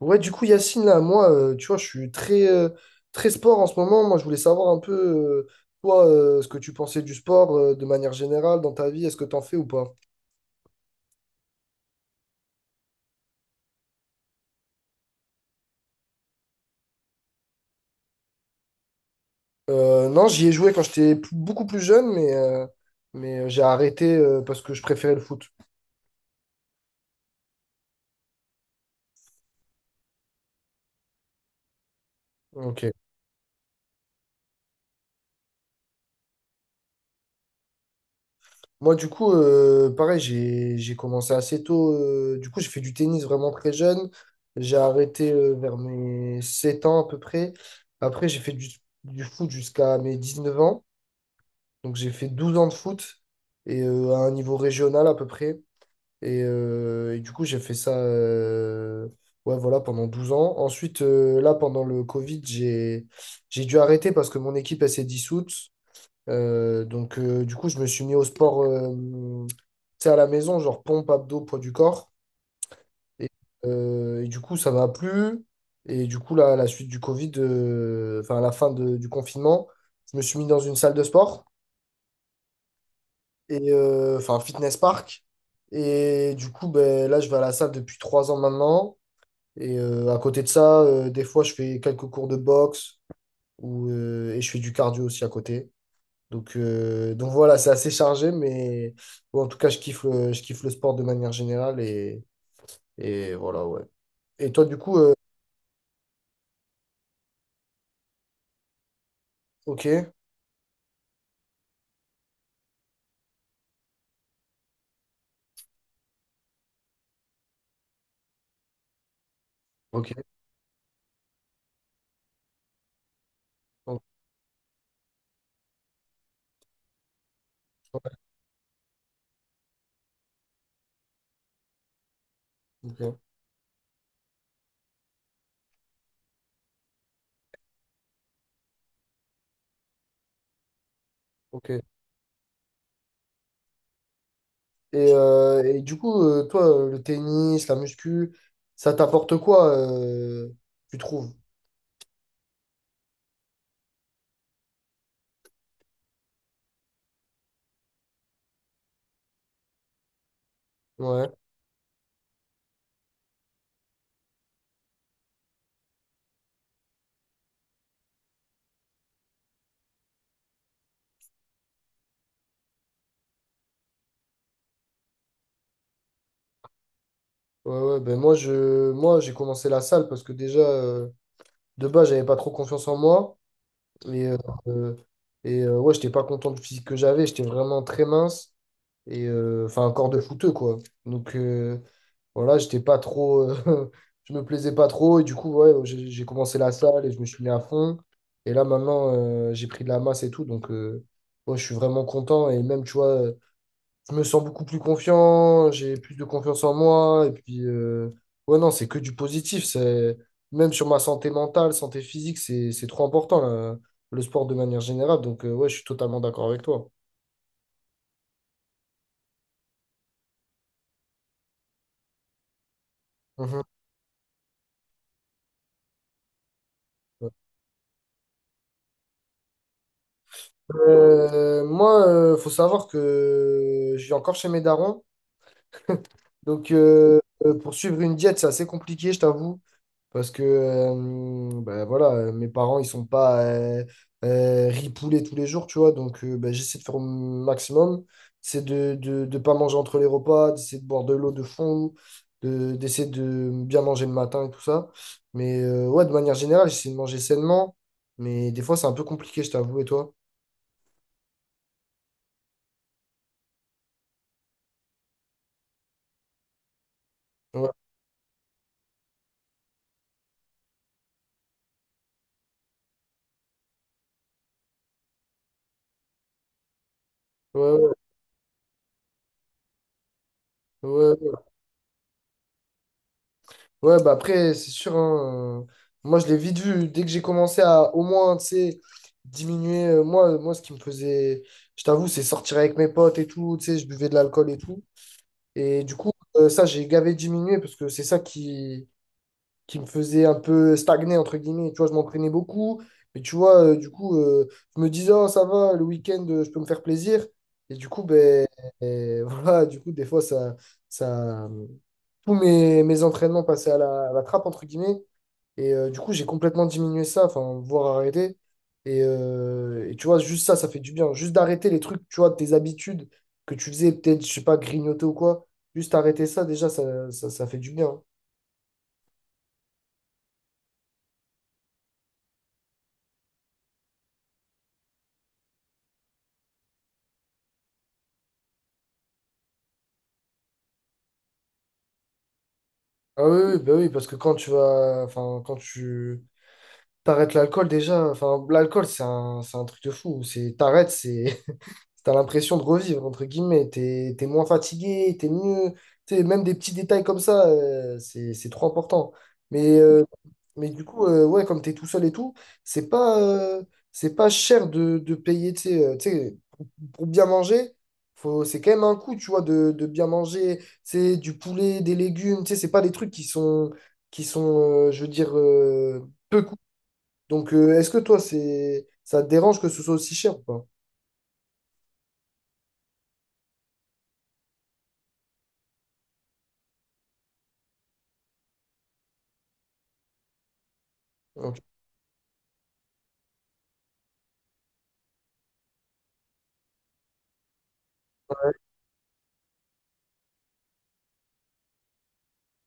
Ouais, du coup, Yacine, là, moi, tu vois, je suis très, très sport en ce moment. Moi, je voulais savoir un peu, toi, ce que tu pensais du sport, de manière générale dans ta vie. Est-ce que t'en fais ou pas? Non, j'y ai joué quand j'étais beaucoup plus jeune, mais, j'ai arrêté, parce que je préférais le foot. Ok. Moi, du coup, pareil, j'ai commencé assez tôt. Du coup, j'ai fait du tennis vraiment très jeune. J'ai arrêté, vers mes 7 ans à peu près. Après, j'ai fait du foot jusqu'à mes 19 ans. Donc j'ai fait 12 ans de foot et à un niveau régional à peu près. Et du coup, j'ai fait ça ouais, voilà, pendant 12 ans. Ensuite, là, pendant le Covid, j'ai dû arrêter parce que mon équipe, elle s'est dissoute. Donc du coup, je me suis mis au sport tu sais, à la maison, genre pompe, abdos, poids du corps. Et, et du coup, ça m'a plu. Et du coup, là, à la suite du Covid, enfin à la fin du confinement, je me suis mis dans une salle de sport. Et enfin fitness park. Et du coup, ben, là, je vais à la salle depuis 3 ans maintenant. Et à côté de ça, des fois, je fais quelques cours de boxe ou, et je fais du cardio aussi à côté. Donc voilà, c'est assez chargé, mais bon, en tout cas, je kiffe le sport de manière générale. Et, voilà, ouais. Et toi, du coup, ok, ok, ok, ok. Et du coup, toi, le tennis, la muscu, ça t'apporte quoi, tu trouves? Ouais, ouais, ouais. Ben moi, moi, j'ai commencé la salle parce que déjà, de base, j'avais pas trop confiance en moi. Et, euh, euh, et, ouais, j'étais pas content du physique que j'avais. J'étais vraiment très mince. Et enfin, un corps de fouteux, quoi. Donc, voilà, j'étais pas trop. Je me plaisais pas trop. Et du coup, ouais, j'ai commencé la salle et je me suis mis à fond. Et là, maintenant, j'ai pris de la masse et tout. Donc, ouais, je suis vraiment content. Et même, tu vois. Je me sens beaucoup plus confiant, j'ai plus de confiance en moi. Et puis, ouais, non, c'est que du positif. C'est, même sur ma santé mentale, santé physique, c'est trop important, là, le sport de manière générale. Donc, ouais, je suis totalement d'accord avec toi. Mhm. Moi, faut savoir que je vis encore chez mes darons. Donc, pour suivre une diète, c'est assez compliqué, je t'avoue. Parce que bah, voilà, mes parents, ils sont pas ripoulés tous les jours, tu vois. Donc, bah, j'essaie de faire mon maximum. C'est de pas manger entre les repas, d'essayer de boire de l'eau de fond, d'essayer de bien manger le matin et tout ça. Mais ouais, de manière générale, j'essaie de manger sainement. Mais des fois, c'est un peu compliqué, je t'avoue. Et toi? Ouais, ouais, ouais. Ouais. Ouais, bah après, c'est sûr. Hein, moi, je l'ai vite vu. Dès que j'ai commencé à au moins, tu sais, diminuer. Moi, moi, ce qui me faisait, je t'avoue, c'est sortir avec mes potes et tout. Tu sais, je buvais de l'alcool et tout. Et du coup, ça, j'ai gavé diminué parce que c'est ça qui me faisait un peu stagner, entre guillemets. Tu vois, je m'entraînais beaucoup. Mais tu vois, du coup, je me disais, oh, ça va, le week-end, je peux me faire plaisir. Et du coup, ben, voilà, du coup, des fois, ça, tous mes entraînements passaient à la trappe, entre guillemets. Et du coup, j'ai complètement diminué ça, enfin, voire arrêté. Et tu vois, juste ça, ça fait du bien. Juste d'arrêter les trucs, tu vois, tes habitudes que tu faisais, peut-être, je sais pas, grignoter ou quoi. Juste arrêter ça, déjà, ça fait du bien. Ah oui, oui, bah oui, parce que quand tu vas, enfin, quand tu t'arrêtes l'alcool déjà, enfin, l'alcool, c'est un, truc de fou. C'est, t'arrêtes, c'est, t'as l'impression de revivre, entre guillemets. T'es moins fatigué, t'es mieux. Tu sais, même des petits détails comme ça, c'est trop important. Mais, euh, mais du coup, ouais, comme t'es tout seul et tout, c'est pas, euh, c'est pas cher de payer, tu sais, pour bien manger, faut, c'est quand même un coût, tu vois, de bien manger, tu sais, du poulet, des légumes, tu sais, c'est pas des trucs qui sont, je veux dire, peu coûteux. Donc, est-ce que toi, c'est, ça te dérange que ce soit aussi cher ou pas?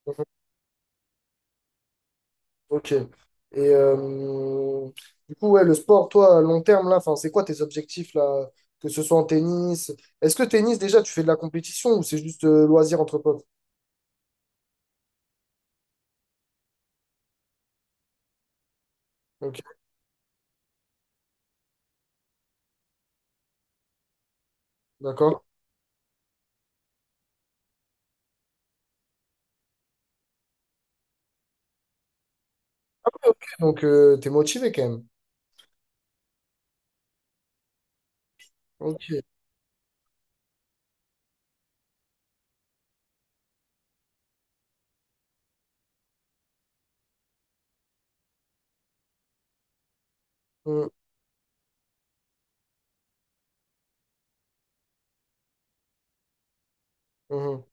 Ok. Ok. Et euh, du coup, ouais, le sport, toi, à long terme, là, enfin, c'est quoi tes objectifs, là, que ce soit en tennis? Est-ce que tennis, déjà, tu fais de la compétition ou c'est juste loisir entre potes? Ok, d'accord. Ok, donc, t'es motivé quand même. Ok. Mhm, mhm.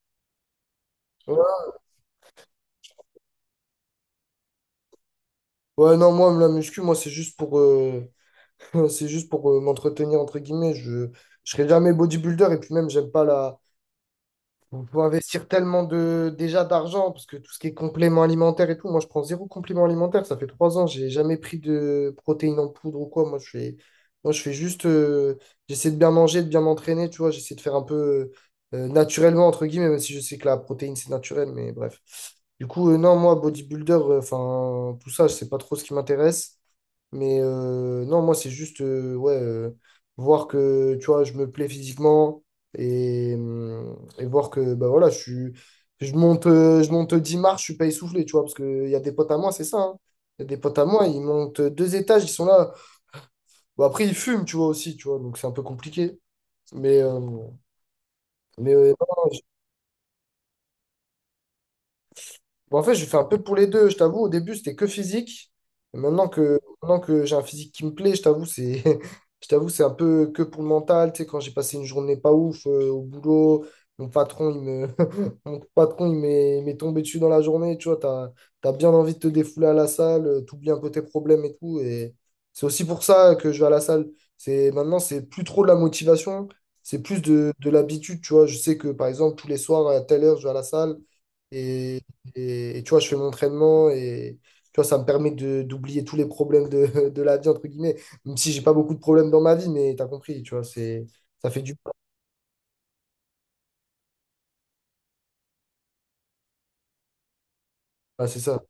Ouais, ouais, non, moi, la muscu, moi, c'est juste pour, c'est juste pour m'entretenir, entre guillemets. Je serai jamais bodybuilder et puis même, j'aime pas la. On peut investir tellement de déjà d'argent, parce que tout ce qui est complément alimentaire et tout, moi je prends zéro complément alimentaire. Ça fait 3 ans, j'ai jamais pris de protéines en poudre ou quoi. Moi, je fais juste, j'essaie de bien manger, de bien m'entraîner, tu vois. J'essaie de faire un peu naturellement, entre guillemets, même si je sais que la protéine c'est naturel, mais bref. Du coup, non, moi bodybuilder, enfin tout ça, je sais pas trop ce qui m'intéresse. Mais non, moi, c'est juste ouais, voir que tu vois, je me plais physiquement et voir que bah, voilà, je suis, je monte 10 marches, je suis pas essoufflé, tu vois, parce qu'il y a des potes à moi, c'est ça. Hein. Il y a des potes à moi, ils montent 2 étages, ils sont là. Bon, après, ils fument, tu vois, aussi, tu vois, donc c'est un peu compliqué. Mais, euh, mais. Bon, en fait, je fais un peu pour les deux, je t'avoue. Au début, c'était que physique. Et maintenant que j'ai un physique qui me plaît, je t'avoue, c'est, je t'avoue, c'est un peu que pour le mental. Tu sais, quand j'ai passé une journée pas ouf au boulot, mon patron, il me, mon patron, il m'est tombé dessus dans la journée. Tu vois, t'as bien envie de te défouler à la salle, t'oublies un peu tes problèmes et tout. Et c'est aussi pour ça que je vais à la salle. C'est, maintenant, c'est plus trop de la motivation, c'est plus de l'habitude. Tu vois, je sais que, par exemple, tous les soirs, à telle heure, je vais à la salle. et et tu vois, je fais mon entraînement et tu vois, ça me permet d'oublier tous les problèmes de, de la vie, entre guillemets. Même si j'ai pas beaucoup de problèmes dans ma vie, mais t'as compris, tu vois, c'est, ça fait du bien. Ouais, c'est ça.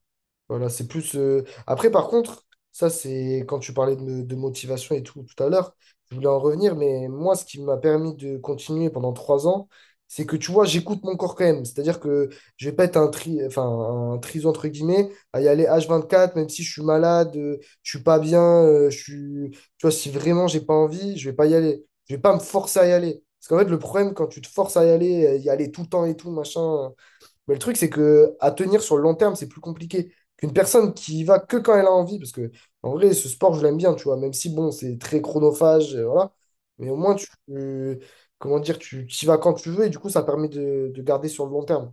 Voilà, c'est plus. Après, par contre, ça, c'est quand tu parlais de motivation et tout tout à l'heure, je voulais en revenir, mais moi, ce qui m'a permis de continuer pendant 3 ans, c'est que tu vois, j'écoute mon corps quand même. C'est-à-dire que je vais pas être un tri, enfin, un triso entre guillemets, à y aller H24, même si je suis malade, je suis pas bien, je suis. Tu vois, si vraiment j'ai pas envie, je vais pas y aller. Je vais pas me forcer à y aller. Parce qu'en fait, le problème, quand tu te forces à y aller tout le temps et tout, machin, mais le truc, c'est que à tenir sur le long terme, c'est plus compliqué qu'une personne qui y va que quand elle a envie. Parce que, en vrai, ce sport, je l'aime bien, tu vois, même si, bon, c'est très chronophage, voilà. Mais au moins, tu, comment dire, tu y vas quand tu veux et du coup, ça permet de garder sur le long terme.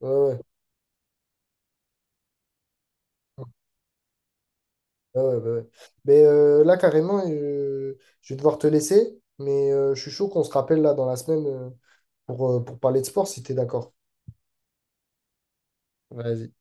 Ouais, ouais. Ouais, ouais, ouais, ouais. Mais là, carrément, je vais devoir te laisser. Mais je suis chaud qu'on se rappelle là dans la semaine pour parler de sport si t'es d'accord. Vas-y.